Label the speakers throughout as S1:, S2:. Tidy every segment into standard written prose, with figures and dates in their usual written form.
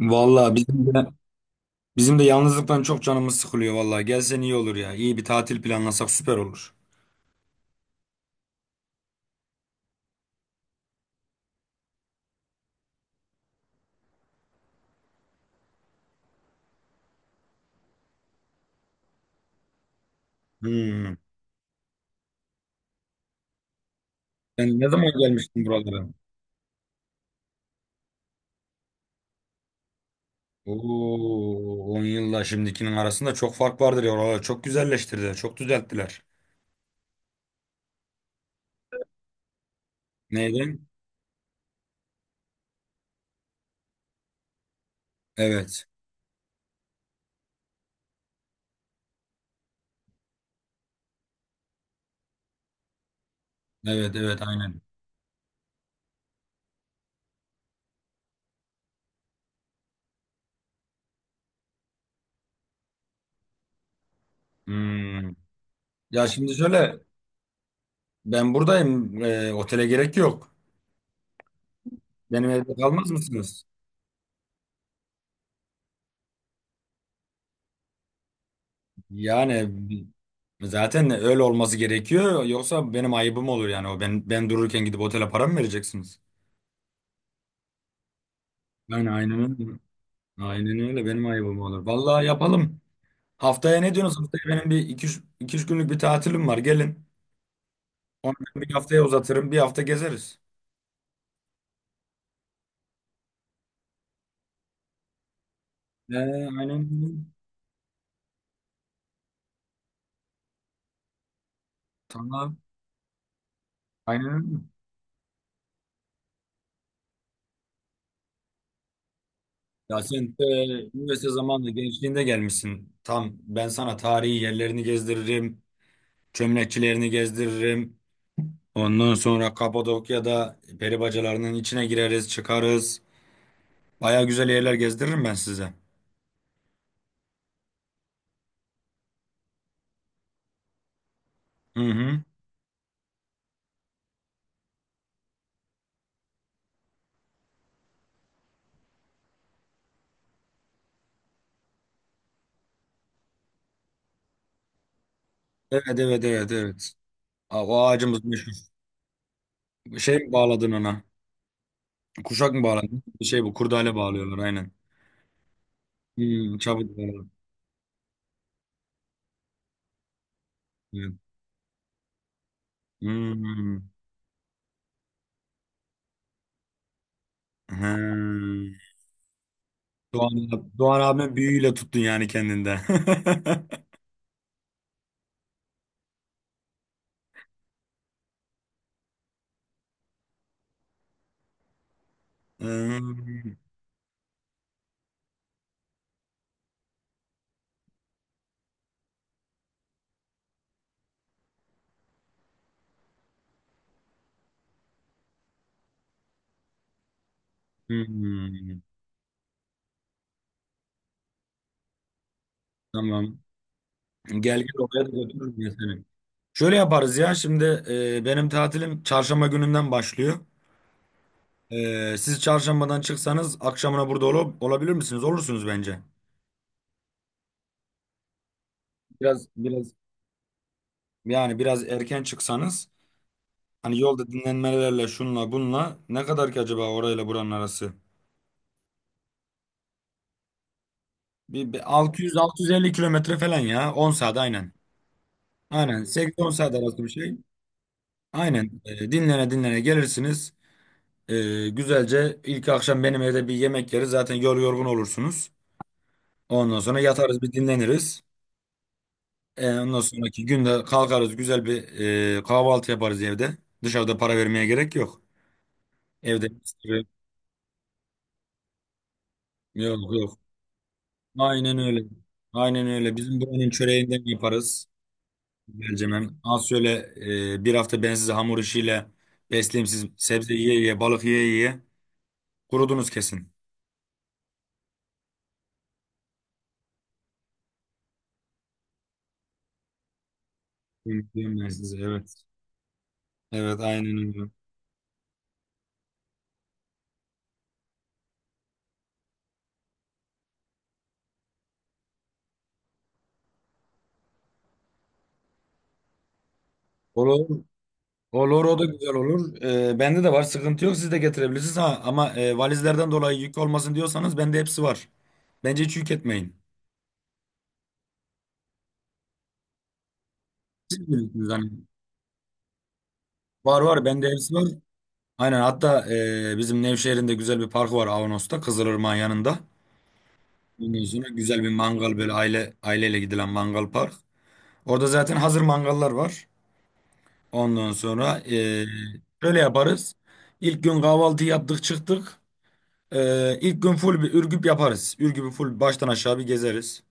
S1: Vallahi bizim de yalnızlıktan çok canımız sıkılıyor vallahi. Gelsen iyi olur ya. İyi bir tatil planlasak süper olur. Hmm. Sen ne zaman gelmiştin buralara? Oo, 10 yılla şimdikinin arasında çok fark vardır ya. Oralar çok güzelleştirdiler, çok düzelttiler. Neydi? Evet. Evet, evet, aynen. Hmm. Ya şimdi şöyle, ben buradayım. Otele gerek yok. Benim evde kalmaz mısınız? Yani zaten öyle olması gerekiyor. Yoksa benim ayıbım olur yani. O ben dururken gidip otele para mı vereceksiniz? Yani aynen öyle. Aynen öyle benim ayıbım olur. Vallahi yapalım. Haftaya ne diyorsunuz? Haftaya benim bir iki, iki üç günlük bir tatilim var. Gelin. Onu ben bir haftaya uzatırım. Bir hafta gezeriz. Ee, aynen öyle. Tamam. Aynen öyle. Ya sen de üniversite zamanında gençliğinde gelmişsin. Tam ben sana tarihi yerlerini gezdiririm. Çömlekçilerini gezdiririm. Ondan sonra Kapadokya'da peri bacalarının içine gireriz, çıkarız. Baya güzel yerler gezdiririm ben size. Hı hı. Evet, evet, evet, evet. Aa, o ağacımız meşhur. Şey mi bağladın ona? Kuşak mı bağladın? Bir şey bu, kurdale bağlıyorlar aynen. Hmm, çabuk bağladı. Evet. Hmm. He. Doğan, Doğan abimin büyüğüyle tuttun yani kendinde. Hmm. Hmm. Tamam. Gel gel oraya da götürürüm ya seni. Şöyle yaparız ya şimdi benim tatilim çarşamba gününden başlıyor. E, siz çarşambadan çıksanız akşamına burada olabilir misiniz? Olursunuz bence. Biraz yani biraz erken çıksanız hani yolda dinlenmelerle şunla bunla ne kadar ki acaba orayla buranın arası? Bir 600-650 kilometre falan ya 10 saat aynen. Aynen 8-10 saat arası bir şey. Aynen dinlene dinlene gelirsiniz. E, güzelce ilk akşam benim evde bir yemek yeriz zaten yorgun olursunuz. Ondan sonra yatarız bir dinleniriz. E, ondan sonraki günde kalkarız güzel bir kahvaltı yaparız evde. Dışarıda para vermeye gerek yok. Evde mis gibi- yok yok. Aynen öyle. Aynen öyle. Bizim buranın çöreğinden yaparız. Güzelce az şöyle bir hafta ben sizi hamur işiyle besleyeyim siz sebze yiye yiye balık yiye yiye kurudunuz kesin. Diyorum ben size evet. Evet aynen öyle. Olur. Olur o da güzel olur. Bende de var sıkıntı yok siz de getirebilirsiniz ha ama valizlerden dolayı yük olmasın diyorsanız bende hepsi var. Bence hiç yük etmeyin. Siz bilirsiniz hani. Var var bende hepsi var. Aynen hatta bizim Nevşehir'in de güzel bir parkı var Avanos'ta Kızılırmak'ın yanında. Ondan sonra güzel bir mangal böyle aile aileyle gidilen mangal park. Orada zaten hazır mangallar var. Ondan sonra şöyle yaparız. İlk gün kahvaltı yaptık çıktık. İlk gün full bir Ürgüp yaparız. Ürgüp'ü full baştan aşağı bir gezeriz.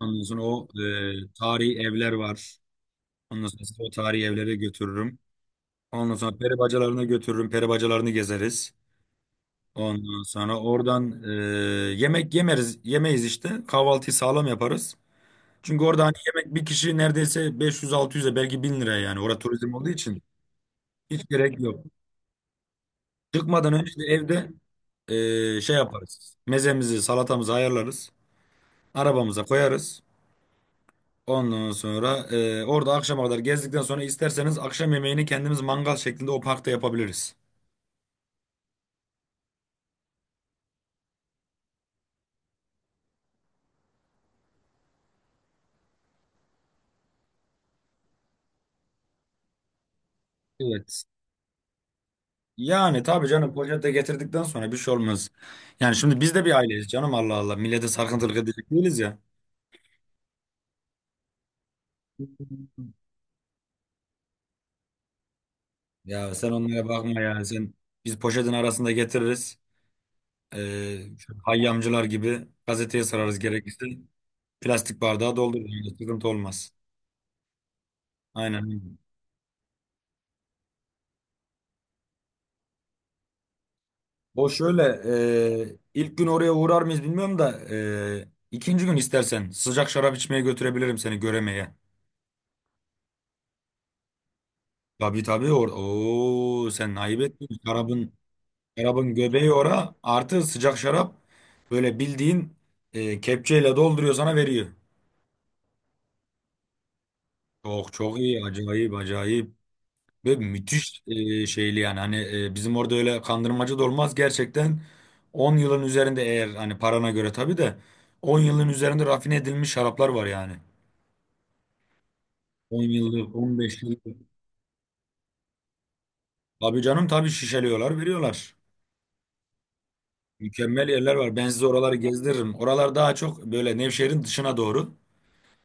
S1: Ondan sonra o tarihi evler var. Ondan sonra sizi o tarihi evlere götürürüm. Ondan sonra peri bacalarına götürürüm. Peri bacalarını gezeriz. Ondan sonra oradan yemek yemeriz, yemeyiz işte. Kahvaltıyı sağlam yaparız. Çünkü orada hani yemek bir kişi neredeyse 500-600'e belki 1.000 liraya yani. Orada turizm olduğu için hiç gerek yok. Çıkmadan önce de evde şey yaparız. Mezemizi, salatamızı ayarlarız. Arabamıza koyarız. Ondan sonra orada akşama kadar gezdikten sonra isterseniz akşam yemeğini kendimiz mangal şeklinde o parkta yapabiliriz. Evet. Yani tabii canım poşet getirdikten sonra bir şey olmaz. Yani şimdi biz de bir aileyiz canım Allah Allah. Millete sarkıntılık edecek değiliz ya. Ya sen onlara bakma ya. Sen biz poşetin arasında getiririz. Şu hayyamcılar gibi gazeteye sararız gerekirse. Plastik bardağa doldururuz. Yani sıkıntı olmaz. Aynen. O şöyle ilk gün oraya uğrar mıyız bilmiyorum da ikinci gün istersen sıcak şarap içmeye götürebilirim seni göremeye. Tabii tabii Oo, sen ayıp ettin. Şarabın, şarabın göbeği ora artı sıcak şarap böyle bildiğin kepçeyle dolduruyor sana veriyor. Çok çok iyi acayip acayip ve müthiş şeyli yani hani bizim orada öyle kandırmacı da olmaz gerçekten 10 yılın üzerinde eğer hani parana göre tabii de 10 yılın üzerinde rafine edilmiş şaraplar var yani. 10 yıllık, 15 yıllık. Abi canım tabii şişeliyorlar, veriyorlar. Mükemmel yerler var. Ben size oraları gezdiririm. Oralar daha çok böyle Nevşehir'in dışına doğru.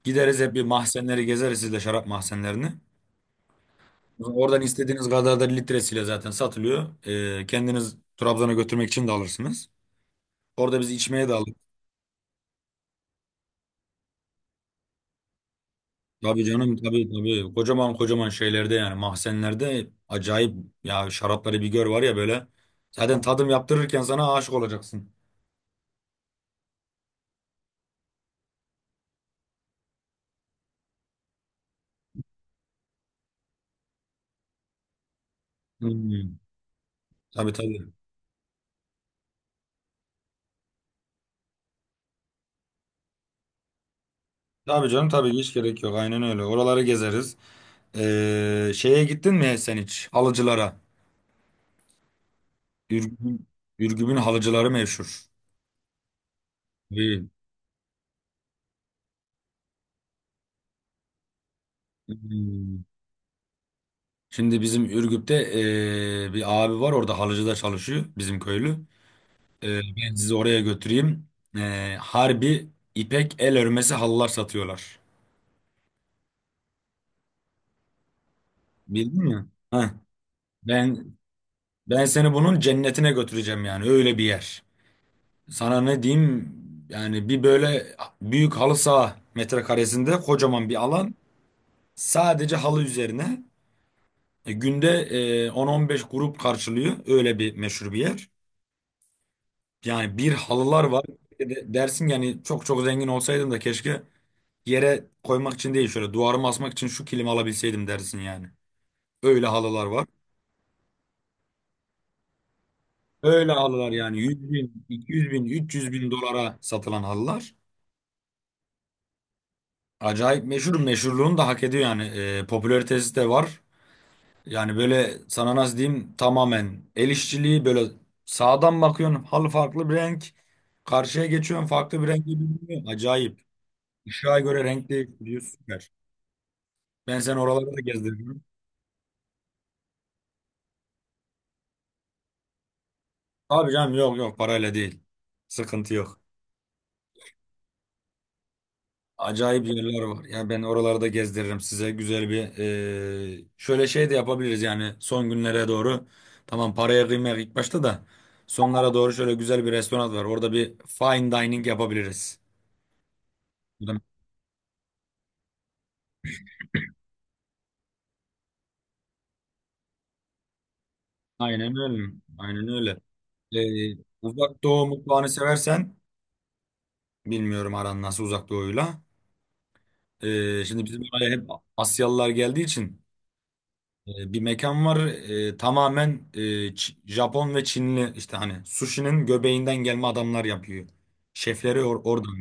S1: Gideriz hep bir mahzenleri gezeriz sizle şarap mahzenlerini. Oradan istediğiniz kadar da litresiyle zaten satılıyor. Kendiniz Trabzon'a götürmek için de alırsınız. Orada biz içmeye de alırız. Tabii canım tabii tabii. Kocaman kocaman şeylerde yani mahzenlerde acayip ya şarapları bir gör var ya böyle. Zaten tadım yaptırırken sana aşık olacaksın. Hmm. Tabii tabii. Tabii canım tabii ki hiç gerek yok. Aynen öyle. Oraları gezeriz. Şeye gittin mi sen hiç? Halıcılara. Ürgüp'ün Ürgüp'ün halıcıları meşhur. Değil. Hmm. Şimdi bizim Ürgüp'te bir abi var orada halıcıda çalışıyor bizim köylü. Ben sizi oraya götüreyim. Harbi ipek el örmesi halılar satıyorlar. Bildin mi? Heh. Ben ben seni bunun cennetine götüreceğim yani öyle bir yer. Sana ne diyeyim? Yani bir böyle büyük halı saha metrekaresinde kocaman bir alan. Sadece halı üzerine. Günde 10-15 grup karşılıyor. Öyle bir meşhur bir yer. Yani bir halılar var. Dersin yani çok çok zengin olsaydım da keşke yere koymak için değil şöyle duvarıma asmak için şu kilimi alabilseydim dersin yani. Öyle halılar var. Öyle halılar yani 100 bin, 200 bin, 300 bin dolara satılan halılar. Acayip meşhur. Meşhurluğunu da hak ediyor yani. Popülaritesi de var. Yani böyle sana nasıl diyeyim tamamen el işçiliği böyle sağdan bakıyorsun halı farklı bir renk. Karşıya geçiyorsun farklı bir renge bürünüyor. Acayip. Işığa göre renk değiştiriyor süper. Ben seni oralara da gezdirdim. Abi canım yok yok parayla değil. Sıkıntı yok. Acayip yerler var. Yani ben oraları da gezdiririm size. Güzel bir şöyle şey de yapabiliriz yani son günlere doğru. Tamam paraya kıymak ilk başta da sonlara doğru şöyle güzel bir restoran var. Orada bir fine dining yapabiliriz. Bu da aynen öyle. Aynen öyle. Ee, Uzak doğu mutfağını seversen bilmiyorum aran nasıl uzak doğuyla. Şimdi bizim oraya hep Asyalılar geldiği için bir mekan var. Tamamen Japon ve Çinli işte hani sushi'nin göbeğinden gelme adamlar yapıyor. Şefleri oradan.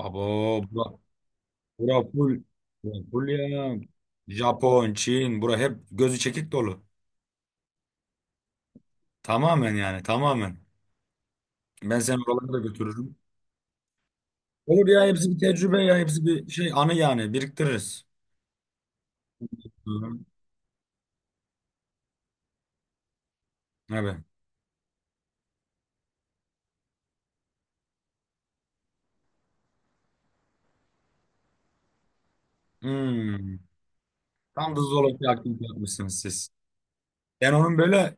S1: Abo bura, bura full, bura full ya. Japon, Çin bura hep gözü çekik dolu. Tamamen yani tamamen. Ben seni oralara da götürürüm. Olur ya hepsi bir tecrübe ya hepsi bir şey anı yani biriktiririz. Hı hı. Evet. Hmm. Tam da zooloji aktivite yapmışsınız siz. Ben onun böyle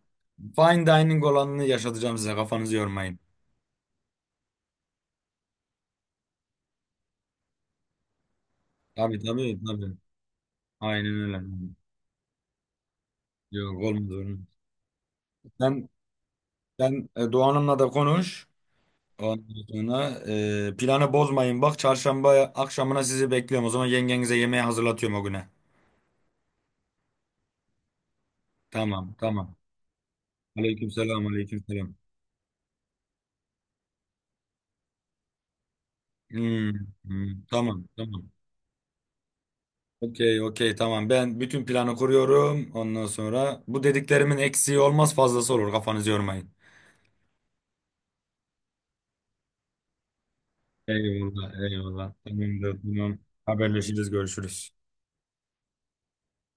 S1: fine dining olanını yaşatacağım size kafanızı yormayın. Tabii tabii tabii. Aynen öyle. Yok olmaz olmaz. Sen, sen Doğan Hanım'la da konuş. Ondan sonra planı bozmayın. Bak çarşamba akşamına sizi bekliyorum. O zaman yengenize yemeği hazırlatıyorum o güne. Tamam tamam. Aleykümselam aleykümselam. Hmm, hmm, tamam tamam. Okey, okey, tamam. Ben bütün planı kuruyorum. Ondan sonra bu dediklerimin eksiği olmaz, fazlası olur. Kafanızı yormayın. Eyvallah, eyvallah. Tamamdır, tamam. Haberleşiriz, görüşürüz.